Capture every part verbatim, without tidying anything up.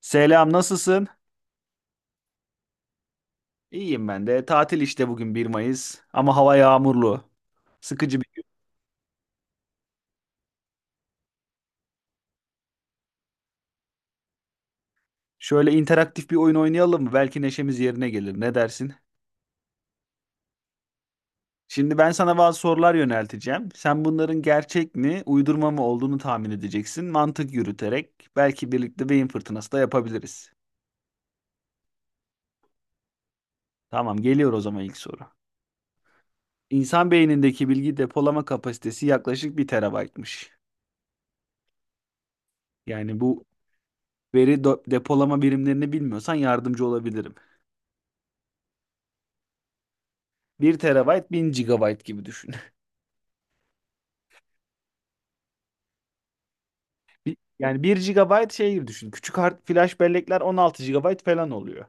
Selam, nasılsın? İyiyim ben de. Tatil işte bugün bir Mayıs ama hava yağmurlu. Sıkıcı bir gün. Şöyle interaktif bir oyun oynayalım mı? Belki neşemiz yerine gelir. Ne dersin? Şimdi ben sana bazı sorular yönelteceğim. Sen bunların gerçek mi, uydurma mı olduğunu tahmin edeceksin. Mantık yürüterek belki birlikte beyin fırtınası da yapabiliriz. Tamam, geliyor o zaman ilk soru. İnsan beynindeki bilgi depolama kapasitesi yaklaşık bir terabaytmış. Yani bu veri do- depolama birimlerini bilmiyorsan yardımcı olabilirim. Bir terabayt bin gigabayt gibi düşün. Bir- Yani bir gigabayt şey gibi düşün. Küçük hard flash bellekler on altı gigabayt falan oluyor.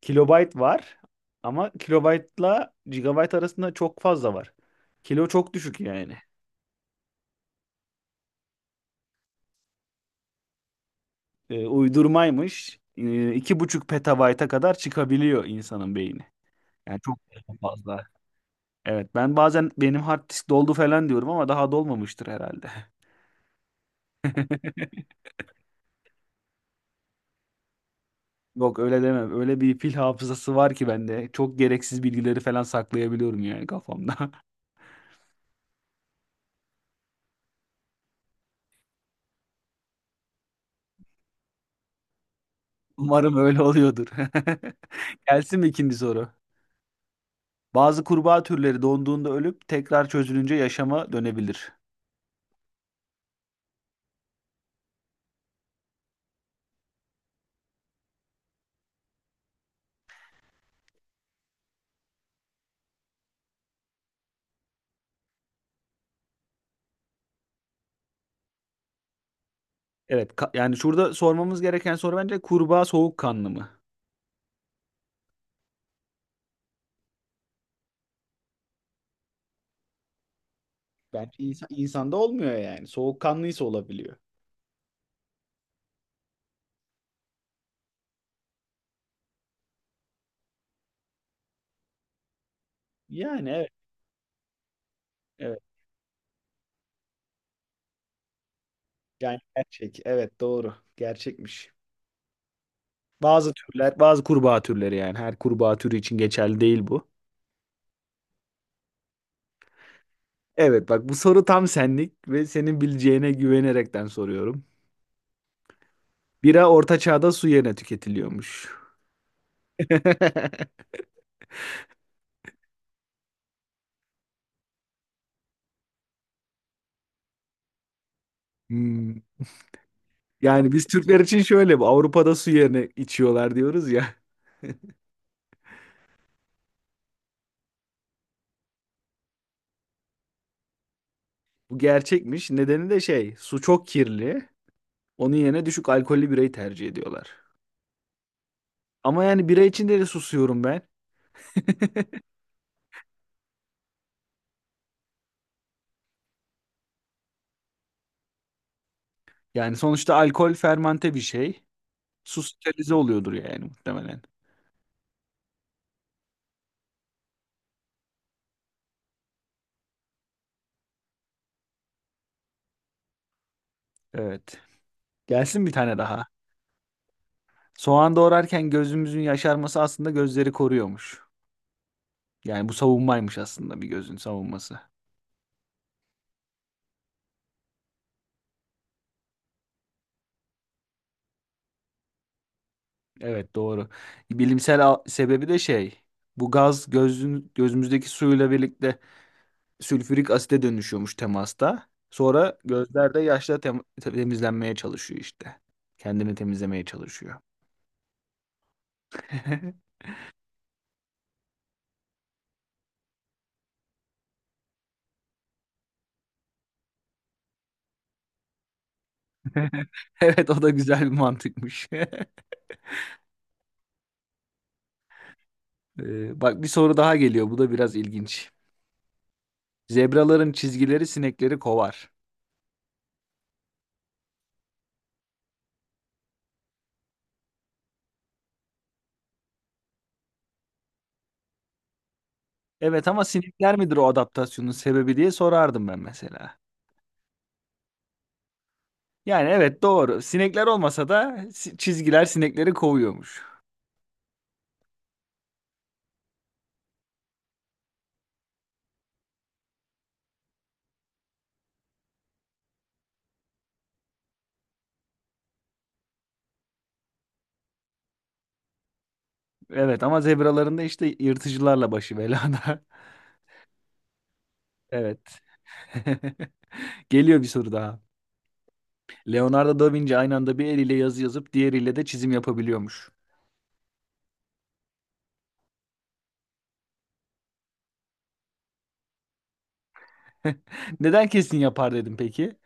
Kilobayt var ama kilobaytla gigabayt arasında çok fazla var. Kilo çok düşük yani. Ee, uydurmaymış. Ee, iki buçuk petabayta kadar çıkabiliyor insanın beyni. Yani çok fazla. Evet, ben bazen benim hard disk doldu falan diyorum ama daha dolmamıştır herhalde. Yok öyle demem. Öyle bir fil hafızası var ki bende. Çok gereksiz bilgileri falan saklayabiliyorum yani kafamda. Umarım öyle oluyordur. Gelsin mi ikinci soru? Bazı kurbağa türleri donduğunda ölüp tekrar çözülünce yaşama dönebilir. Evet, ka- yani şurada sormamız gereken soru bence kurbağa soğukkanlı mı? Bence insan, insanda olmuyor yani. Soğukkanlıysa olabiliyor. Yani evet, evet. Yani gerçek. Evet, doğru. Gerçekmiş. Bazı türler, bazı kurbağa türleri yani her kurbağa türü için geçerli değil bu. Evet, bak bu soru tam senlik ve senin bileceğine güvenerekten soruyorum. Bira Orta Çağ'da su yerine tüketiliyormuş. Hmm. Yani biz Türkler için şöyle bu Avrupa'da su yerine içiyorlar diyoruz ya. Bu gerçekmiş. Nedeni de şey, su çok kirli. Onun yerine düşük alkollü birayı tercih ediyorlar. Ama yani bira içinde de susuyorum ben. Yani sonuçta alkol fermente bir şey. Su sterilize oluyordur yani muhtemelen. Evet. Gelsin bir tane daha. Soğan doğrarken gözümüzün yaşarması aslında gözleri koruyormuş. Yani bu savunmaymış aslında, bir gözün savunması. Evet, doğru. Bilimsel a- sebebi de şey. Bu gaz gözün, gözümüzdeki suyla birlikte sülfürik asite dönüşüyormuş temasta. Sonra gözler de yaşla tem- temizlenmeye çalışıyor işte. Kendini temizlemeye çalışıyor. Evet, o da güzel bir mantıkmış. Ee, bak bir soru daha geliyor. Bu da biraz ilginç. Zebraların çizgileri sinekleri kovar. Evet, ama sinekler midir o adaptasyonun sebebi diye sorardım ben mesela. Yani evet, doğru. Sinekler olmasa da si- çizgiler sinekleri kovuyormuş. Evet, ama zebraların da işte yırtıcılarla başı belada. Evet. Geliyor bir soru daha. Leonardo da Vinci aynı anda bir eliyle yazı yazıp diğeriyle de çizim yapabiliyormuş. Neden kesin yapar dedim peki?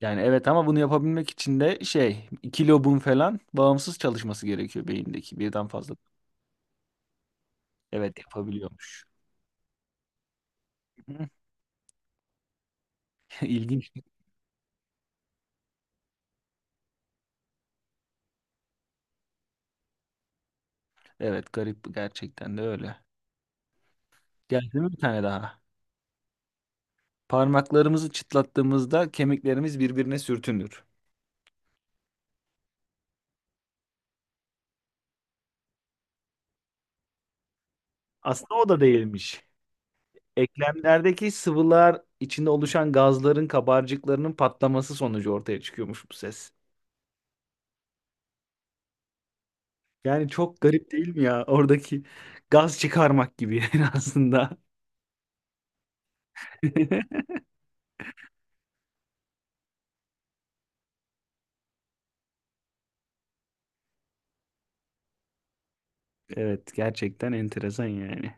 Yani evet, ama bunu yapabilmek için de şey, iki lobun falan bağımsız çalışması gerekiyor beyindeki, birden fazla. Evet, yapabiliyormuş. İlginç. Evet, garip gerçekten de öyle. Geldi mi bir tane daha? Parmaklarımızı çıtlattığımızda kemiklerimiz birbirine sürtünür. Aslında o da değilmiş. Eklemlerdeki sıvılar içinde oluşan gazların kabarcıklarının patlaması sonucu ortaya çıkıyormuş bu ses. Yani çok garip değil mi ya? Oradaki gaz çıkarmak gibi yani aslında. Evet, gerçekten enteresan yani.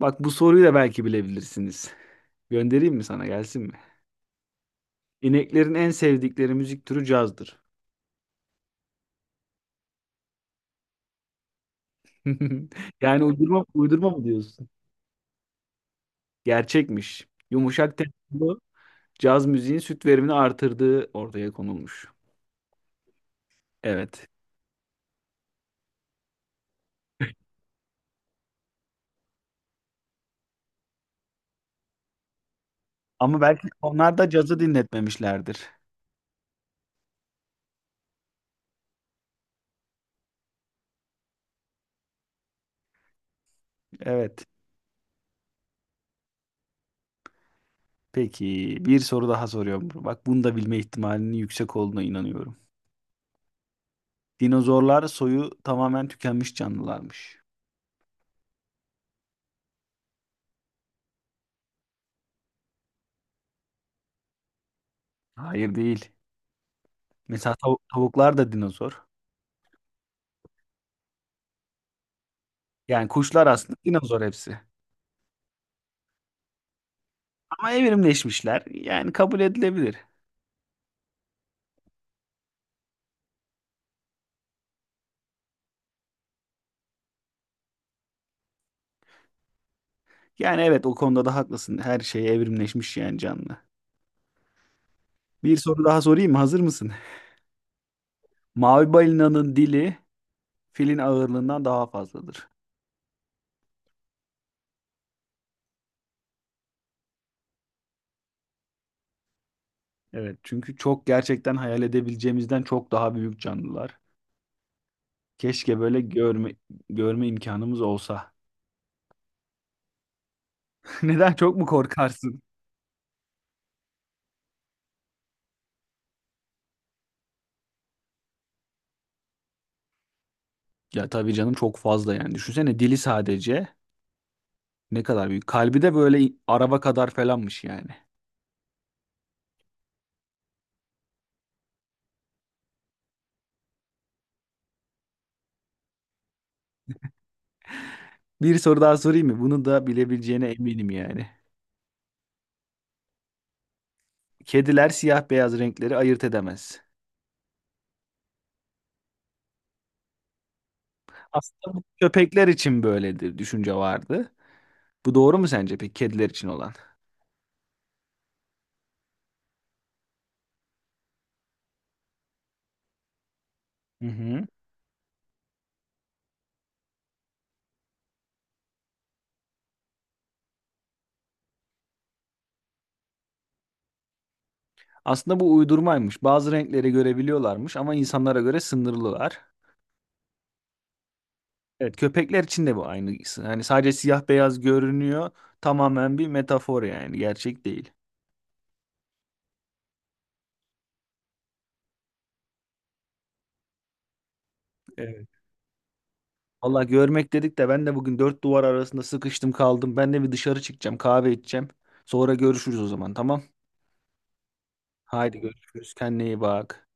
Bak bu soruyu da belki bilebilirsiniz. Göndereyim mi, sana gelsin mi? İneklerin en sevdikleri müzik türü cazdır. Yani uydurma, uydurma mı diyorsun? Gerçekmiş. Yumuşak tempolu caz müziğin süt verimini artırdığı ortaya konulmuş. Evet. Ama belki onlar da cazı dinletmemişlerdir. Evet. Peki bir soru daha soruyorum. Bak, bunu da bilme ihtimalinin yüksek olduğuna inanıyorum. Dinozorlar soyu tamamen tükenmiş canlılarmış. Hayır, değil. Mesela tav- tavuklar da dinozor. Yani kuşlar aslında dinozor hepsi. Ama evrimleşmişler. Yani kabul edilebilir. Yani evet, o konuda da haklısın. Her şey evrimleşmiş yani, canlı. Bir soru daha sorayım mı? Hazır mısın? Mavi balinanın dili filin ağırlığından daha fazladır. Evet, çünkü çok gerçekten hayal edebileceğimizden çok daha büyük canlılar. Keşke böyle görme, görme imkanımız olsa. Neden, çok mu korkarsın? Ya tabii canım, çok fazla yani. Düşünsene dili sadece ne kadar büyük. Kalbi de böyle araba kadar falanmış yani. Bir soru daha sorayım mı? Bunu da bilebileceğine eminim yani. Kediler siyah beyaz renkleri ayırt edemez. Aslında bu köpekler için böyledir düşünce vardı. Bu doğru mu sence peki, kediler için olan? Hı hı. Aslında bu uydurmaymış. Bazı renkleri görebiliyorlarmış ama insanlara göre sınırlılar. Evet, köpekler için de bu aynı. Hani sadece siyah beyaz görünüyor. Tamamen bir metafor yani, gerçek değil. Evet. Valla görmek dedik de ben de bugün dört duvar arasında sıkıştım kaldım. Ben de bir dışarı çıkacağım, kahve içeceğim. Sonra görüşürüz o zaman, tamam? Haydi görüşürüz. Kendine iyi bak.